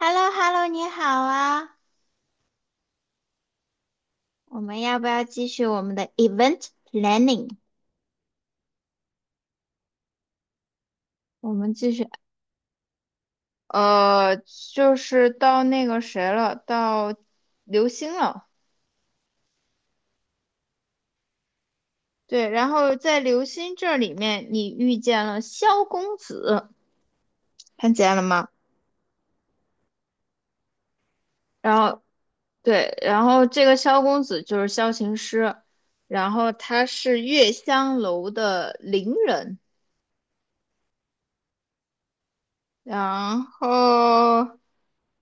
h e l l o h e l l o 你好啊！我们要不要继续我们的 event planning？我们继续，呃，就是到那个谁了，到刘星了。对，然后在刘星这里面，你遇见了萧公子，看见了吗？然后对，然后这个萧公子就是萧琴师，然后他是月香楼的伶人。然后，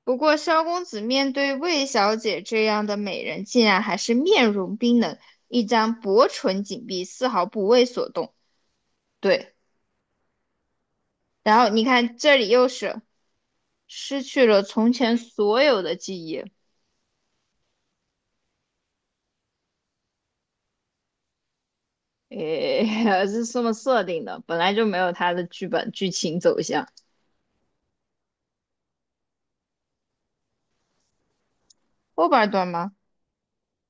不过萧公子面对魏小姐这样的美人，竟然还是面容冰冷，一张薄唇紧闭，丝毫不为所动。对，然后你看这里又是失去了从前所有的记忆。诶，是这么设定的，本来就没有他的剧本剧情走向。后半段吗？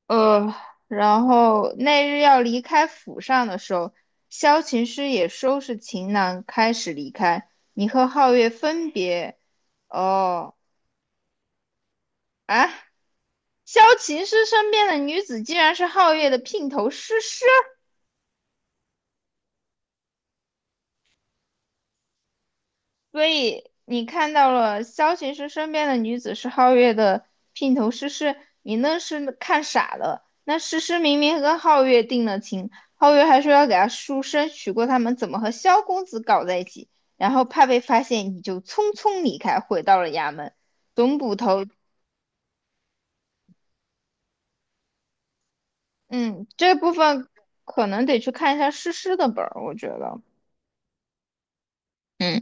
呃，然后那日要离开府上的时候，萧琴师也收拾行囊开始离开。你和皓月分别，哦，啊，萧琴师身边的女子竟然是皓月的姘头诗诗。所以你看到了萧琴师身边的女子是皓月的姘头诗诗，你那是看傻了。那诗诗明明跟皓月定了情，皓月还说要给她赎身，娶过他们怎么和萧公子搞在一起，然后怕被发现，你就匆匆离开，回到了衙门。总捕头，嗯，这部分可能得去看一下诗诗的本儿，我觉得。嗯。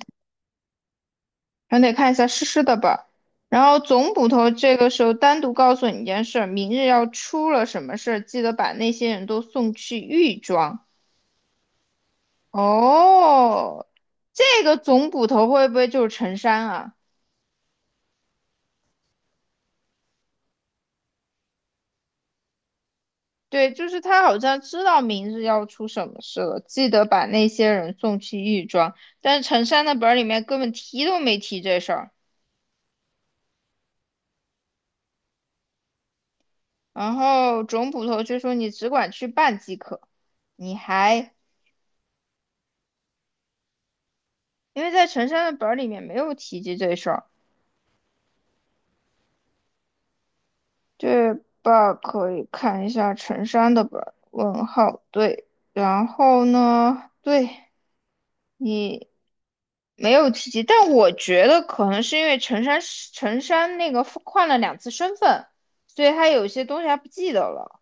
还得看一下诗诗的吧。然后总捕头这个时候单独告诉你一件事儿，明日要出了什么事儿，记得把那些人都送去狱庄。哦，这个总捕头会不会就是陈山啊？对，就是他好像知道明日要出什么事了，记得把那些人送去狱庄。但是陈山的本儿里面根本提都没提这事儿。然后总捕头却说："你只管去办即可。"你还因为在陈山的本儿里面没有提及这事儿，这 b 可以看一下陈山的本儿。问号对，然后呢？对你没有提及，但我觉得可能是因为陈山那个换了两次身份，所以他有些东西他不记得了。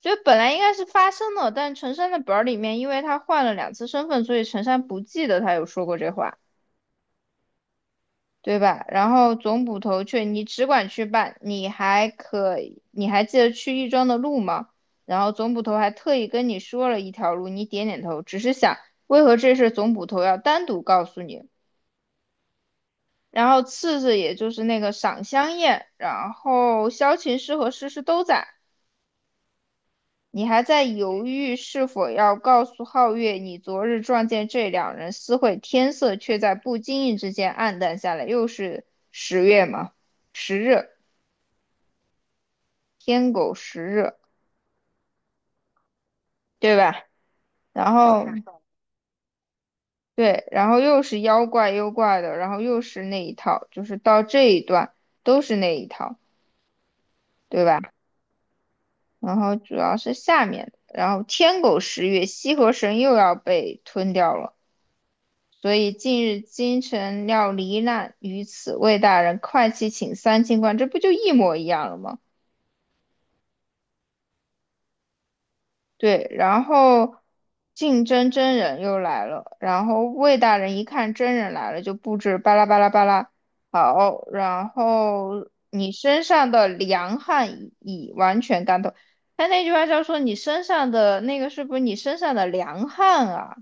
所以本来应该是发生了，但陈山的本儿里面，因为他换了两次身份，所以陈山不记得他有说过这话。对吧？然后总捕头却你只管去办，你还记得去亦庄的路吗？然后总捕头还特意跟你说了一条路，你点点头，只是想为何这事总捕头要单独告诉你？然后次日也就是那个赏香宴，然后萧琴师和诗诗都在，你还在犹豫是否要告诉皓月你昨日撞见这两人私会，天色却在不经意之间暗淡下来，又是10月嘛，10日。天狗食日，对吧？然后对，然后又是妖怪妖怪的，然后又是那一套，就是到这一段都是那一套，对吧？然后主要是下面，然后天狗食月，西河神又要被吞掉了，所以近日京城要罹难于此，魏大人快去请三清官，这不就一模一样了吗？对，然后竞争真人又来了，然后魏大人一看真人来了，就布置巴拉巴拉巴拉，好，然后你身上的凉汗已完全干透。他那句话叫说你身上的那个是不是你身上的凉汗啊？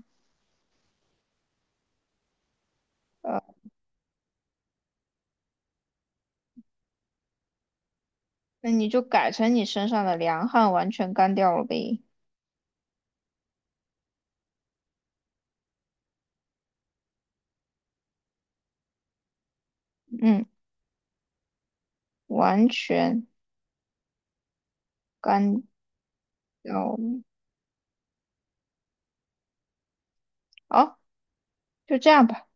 呃，那你就改成你身上的凉汗完全干掉了呗。嗯，完全干掉了。好，就这样吧。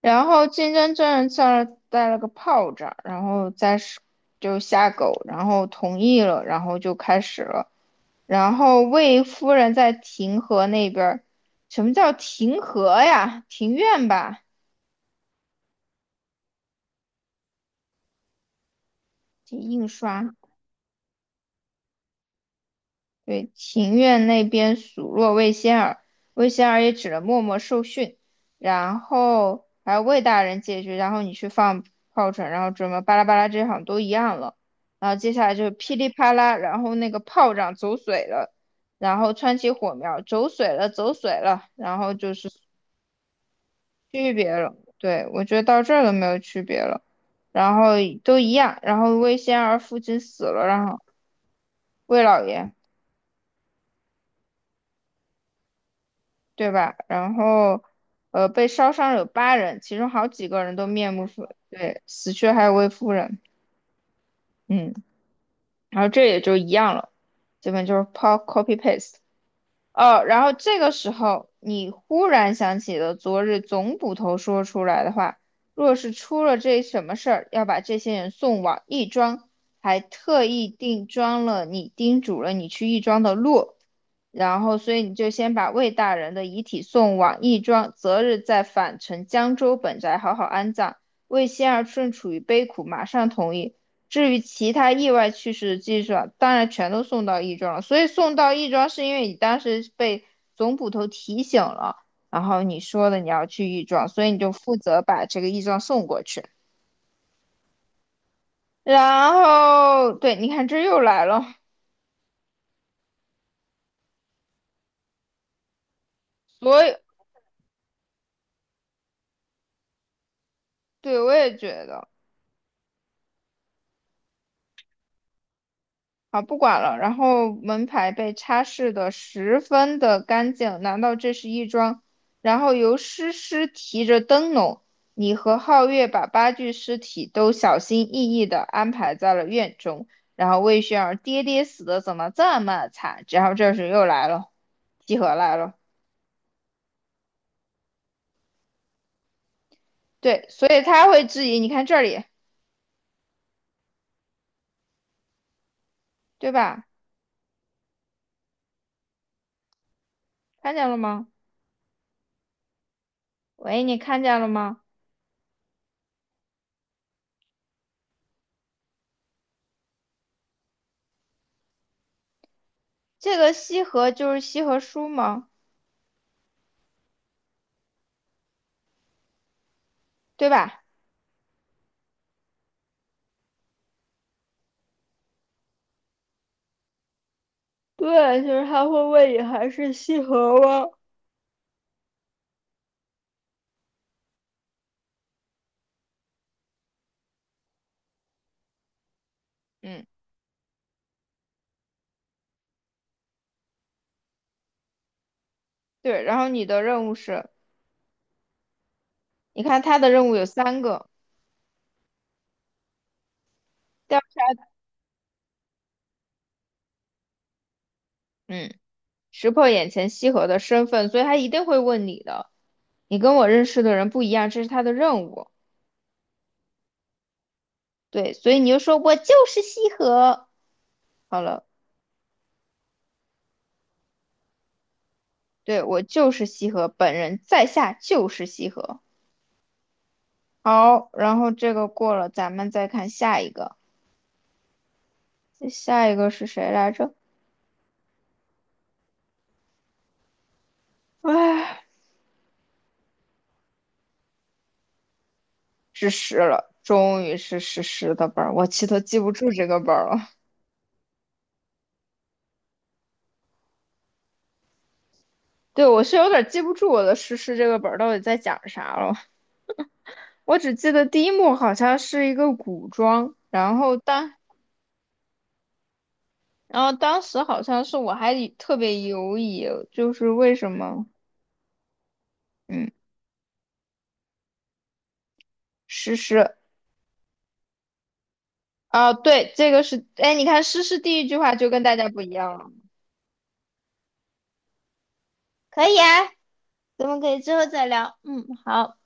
然后金针真人在那儿带了个炮仗，然后再是就下狗，然后同意了，然后就开始了。然后魏夫人在庭和那边儿，什么叫庭和呀？庭院吧，这印刷。对，庭院那边数落魏仙儿，魏仙儿也只能默默受训，然后还有魏大人解决，然后你去放炮仗，然后什么巴拉巴拉这些好像都一样了。然后接下来就是噼里啪啦，然后那个炮仗走水了，然后窜起火苗，走水了，走水了，然后就是对，我觉得到这儿都没有区别了，然后都一样，然后魏仙儿父亲死了，然后魏老爷。对吧？然后，被烧伤有八人，其中好几个人都面目全对，死去还有位夫人。嗯，然后这也就一样了，基本就是 copy paste。哦，然后这个时候你忽然想起了昨日总捕头说出来的话，若是出了这什么事儿，要把这些人送往亦庄，还特意定庄了你，叮嘱了你去亦庄的路。然后，所以你就先把魏大人的遗体送往义庄，择日再返程江州本宅好好安葬。魏仙儿正处于悲苦，马上同意。至于其他意外去世的记者，当然全都送到义庄了。所以送到义庄是因为你当时被总捕头提醒了，然后你说的你要去义庄，所以你就负责把这个义庄送过去。然后，对，你看这又来了，所以对我也觉得。好，不管了。然后门牌被擦拭得十分的干净，难道这是一桩？然后由诗诗提着灯笼，你和皓月把八具尸体都小心翼翼地安排在了院中。然后魏轩儿爹爹死的怎么这么惨？然后这时又来了，集合来了。对，所以他会质疑，你看这里，对吧？看见了吗？喂，你看见了吗？这个西河就是西河书吗？对吧？对，就是他会问你还是西河吗？嗯，对。然后你的任务是，你看他的任务有三个，第二，嗯，识破眼前西河的身份，所以他一定会问你的。你跟我认识的人不一样，这是他的任务。对，所以你就说我就是西河。好了，对，我就是西河，本人在下就是西河。好，然后这个过了，咱们再看下一个。下一个是谁来着？哎。是十了，终于是诗诗的本儿，我其实记不住这个本儿了。对，我是有点记不住我的诗诗这个本儿到底在讲啥了。我只记得第一幕好像是一个古装，然后当时好像是我还以特别犹疑，就是为什么嗯诗诗啊对这个是哎你看诗诗第一句话就跟大家不一样了，可以啊，咱们可以之后再聊，嗯好。